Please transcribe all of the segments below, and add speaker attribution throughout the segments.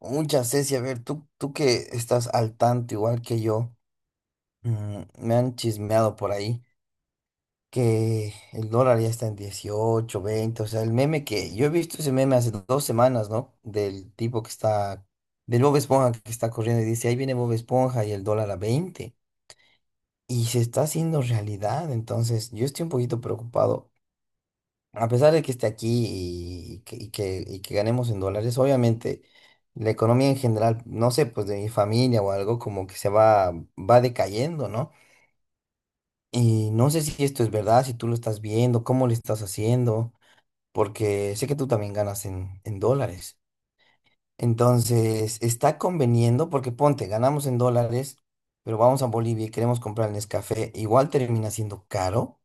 Speaker 1: Mucha Ceci, a ver, tú que estás al tanto igual que yo, me han chismeado por ahí que el dólar ya está en 18, 20. O sea, el meme que yo he visto ese meme hace 2 semanas, ¿no? Del tipo que está, del Bob Esponja que está corriendo y dice, ahí viene Bob Esponja y el dólar a 20. Y se está haciendo realidad, entonces yo estoy un poquito preocupado, a pesar de que esté aquí y que ganemos en dólares. Obviamente, la economía en general, no sé, pues de mi familia o algo, como que se va, va decayendo, ¿no? Y no sé si esto es verdad, si tú lo estás viendo, cómo lo estás haciendo, porque sé que tú también ganas en dólares. Entonces, está conveniendo, porque ponte, ganamos en dólares, pero vamos a Bolivia y queremos comprar el Nescafé, igual termina siendo caro.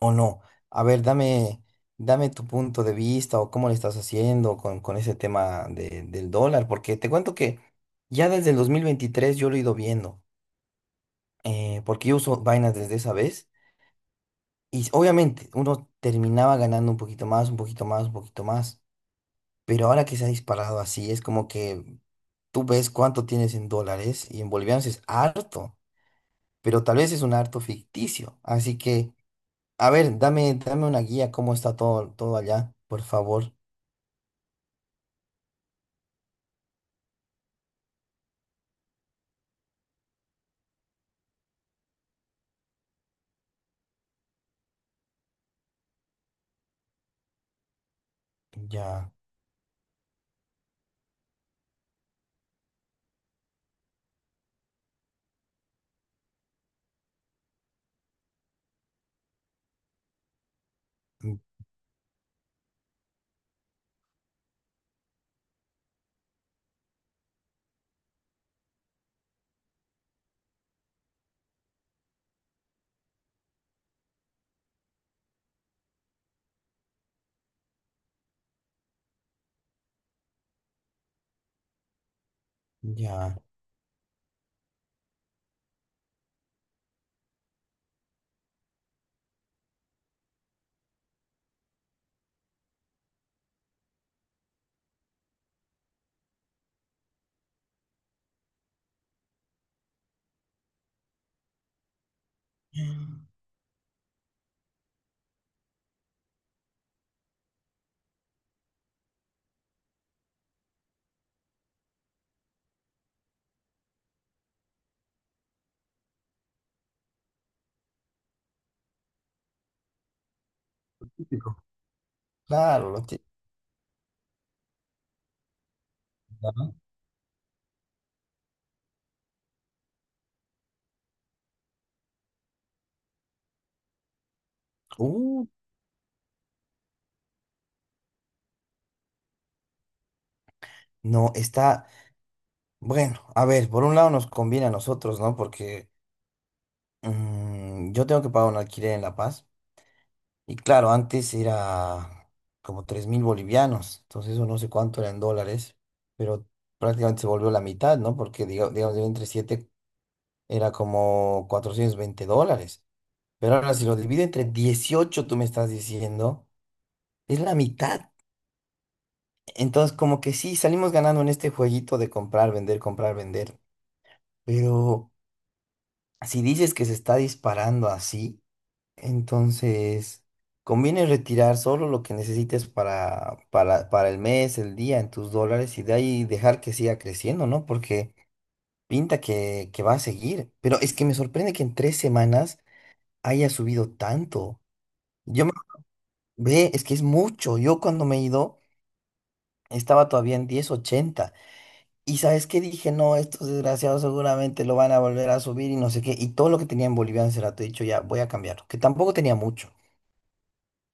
Speaker 1: ¿O no? A ver, dame, dame tu punto de vista o cómo le estás haciendo con ese tema del dólar, porque te cuento que ya desde el 2023 yo lo he ido viendo, porque yo uso vainas desde esa vez, y obviamente uno terminaba ganando un poquito más, un poquito más, un poquito más. Pero ahora que se ha disparado así, es como que tú ves cuánto tienes en dólares, y en bolivianos es harto, pero tal vez es un harto ficticio, así que... A ver, dame, dame una guía, cómo está todo, todo allá, por favor. Ya, mm, ya. Típico. Claro, lo típico, ¿no? Uh, no, está, bueno, a ver, por un lado nos conviene a nosotros, ¿no? Porque yo tengo que pagar un alquiler en La Paz. Y claro, antes era como 3.000 bolivianos, entonces eso no sé cuánto era en dólares, pero prácticamente se volvió la mitad, ¿no? Porque digamos, yo entre 7 era como $420. Pero ahora si lo divido entre 18, tú me estás diciendo, es la mitad. Entonces, como que sí, salimos ganando en este jueguito de comprar, vender, comprar, vender. Pero si dices que se está disparando así, entonces conviene retirar solo lo que necesites para, para el mes, el día, en tus dólares, y de ahí dejar que siga creciendo, ¿no? Porque pinta que va a seguir. Pero es que me sorprende que en 3 semanas haya subido tanto. Yo me... Ve, es que es mucho. Yo cuando me he ido estaba todavía en 10,80. Y sabes qué dije, no, estos desgraciados seguramente lo van a volver a subir y no sé qué. Y todo lo que tenía en boliviano se lo he dicho, ya voy a cambiarlo, que tampoco tenía mucho.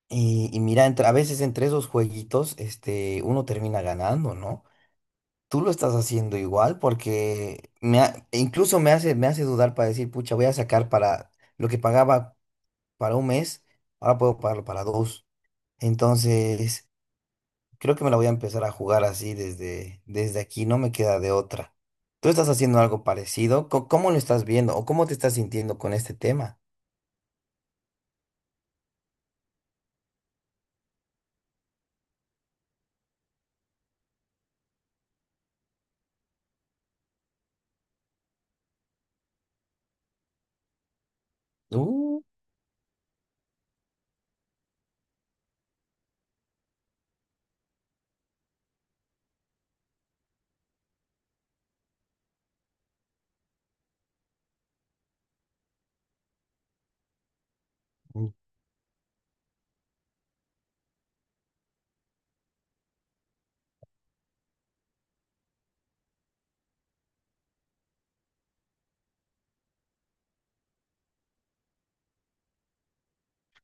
Speaker 1: Y mira, a veces entre esos jueguitos, este, uno termina ganando, ¿no? Tú lo estás haciendo igual porque e incluso me hace, dudar para decir, pucha, voy a sacar para lo que pagaba para un mes, ahora puedo pagarlo para dos. Entonces, creo que me la voy a empezar a jugar así desde aquí, no me queda de otra. ¿Tú estás haciendo algo parecido? ¿Cómo lo estás viendo o cómo te estás sintiendo con este tema? Uh,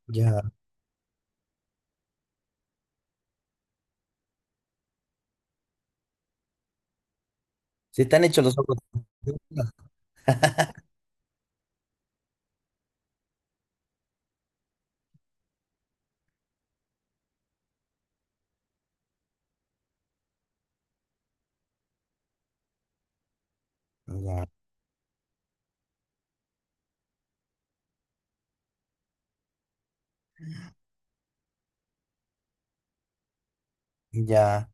Speaker 1: ya. Se te han hecho los ojos. Ya, ya.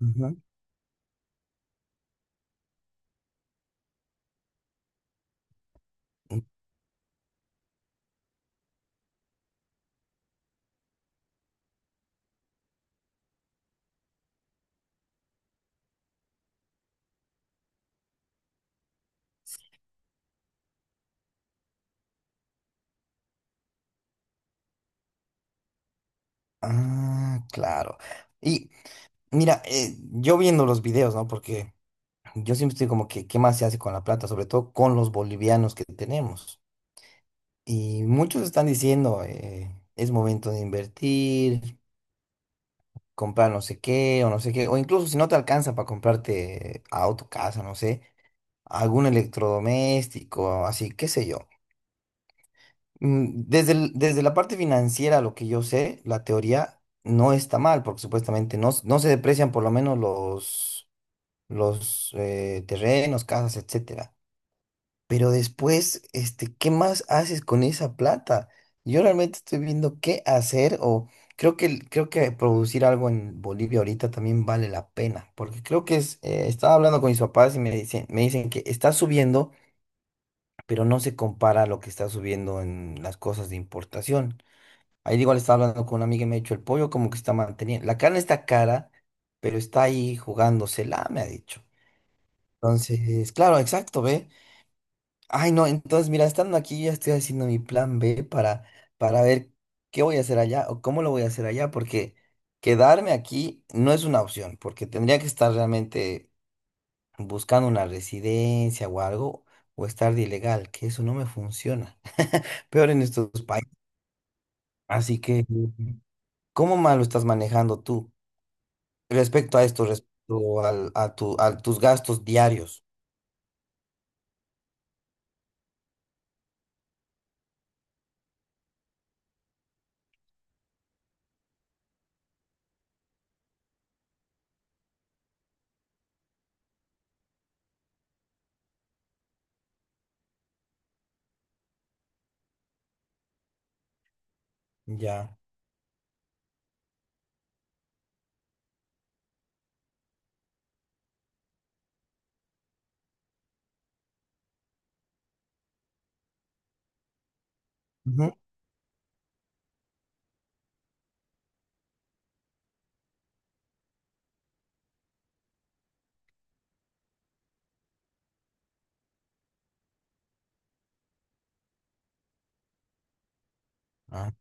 Speaker 1: Ujú. Ah, claro. Y mira, yo viendo los videos, ¿no? Porque yo siempre estoy como que, ¿qué más se hace con la plata? Sobre todo con los bolivianos que tenemos. Y muchos están diciendo, es momento de invertir, comprar no sé qué o no sé qué, o incluso si no te alcanza para comprarte auto, casa, no sé, algún electrodoméstico, así, qué sé yo. Desde la parte financiera, lo que yo sé, la teoría no está mal, porque supuestamente no, no se deprecian por lo menos los, terrenos, casas, etcétera. Pero después, este, ¿qué más haces con esa plata? Yo realmente estoy viendo qué hacer, o creo que, creo que producir algo en Bolivia ahorita también vale la pena, porque creo que es, estaba hablando con mis papás y me dicen que está subiendo, pero no se compara a lo que está subiendo en las cosas de importación. Ahí igual estaba hablando con una amiga y me ha dicho, el pollo como que está manteniendo, la carne está cara, pero está ahí jugándosela, me ha dicho. Entonces, claro, exacto, ¿ve? Ay, no, entonces, mira, estando aquí, ya estoy haciendo mi plan B para, ver qué voy a hacer allá o cómo lo voy a hacer allá, porque quedarme aquí no es una opción, porque tendría que estar realmente buscando una residencia o algo, o estar de ilegal, que eso no me funciona. Peor en estos países. Así que, ¿cómo más lo estás manejando tú respecto a esto, a tus gastos diarios? Ya. Ujú. Ah,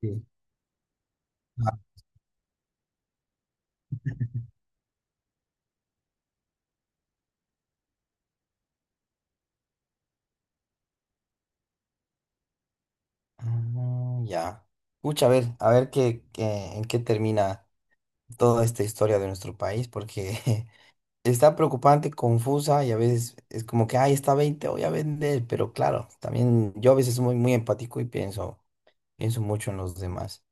Speaker 1: sí. Ah, ya. Pucha, a ver en qué termina toda esta historia de nuestro país, porque está preocupante, confusa, y a veces es como que, ay, está 20, voy a vender, pero claro, también yo a veces soy muy, muy empático y pienso, pienso mucho en los demás.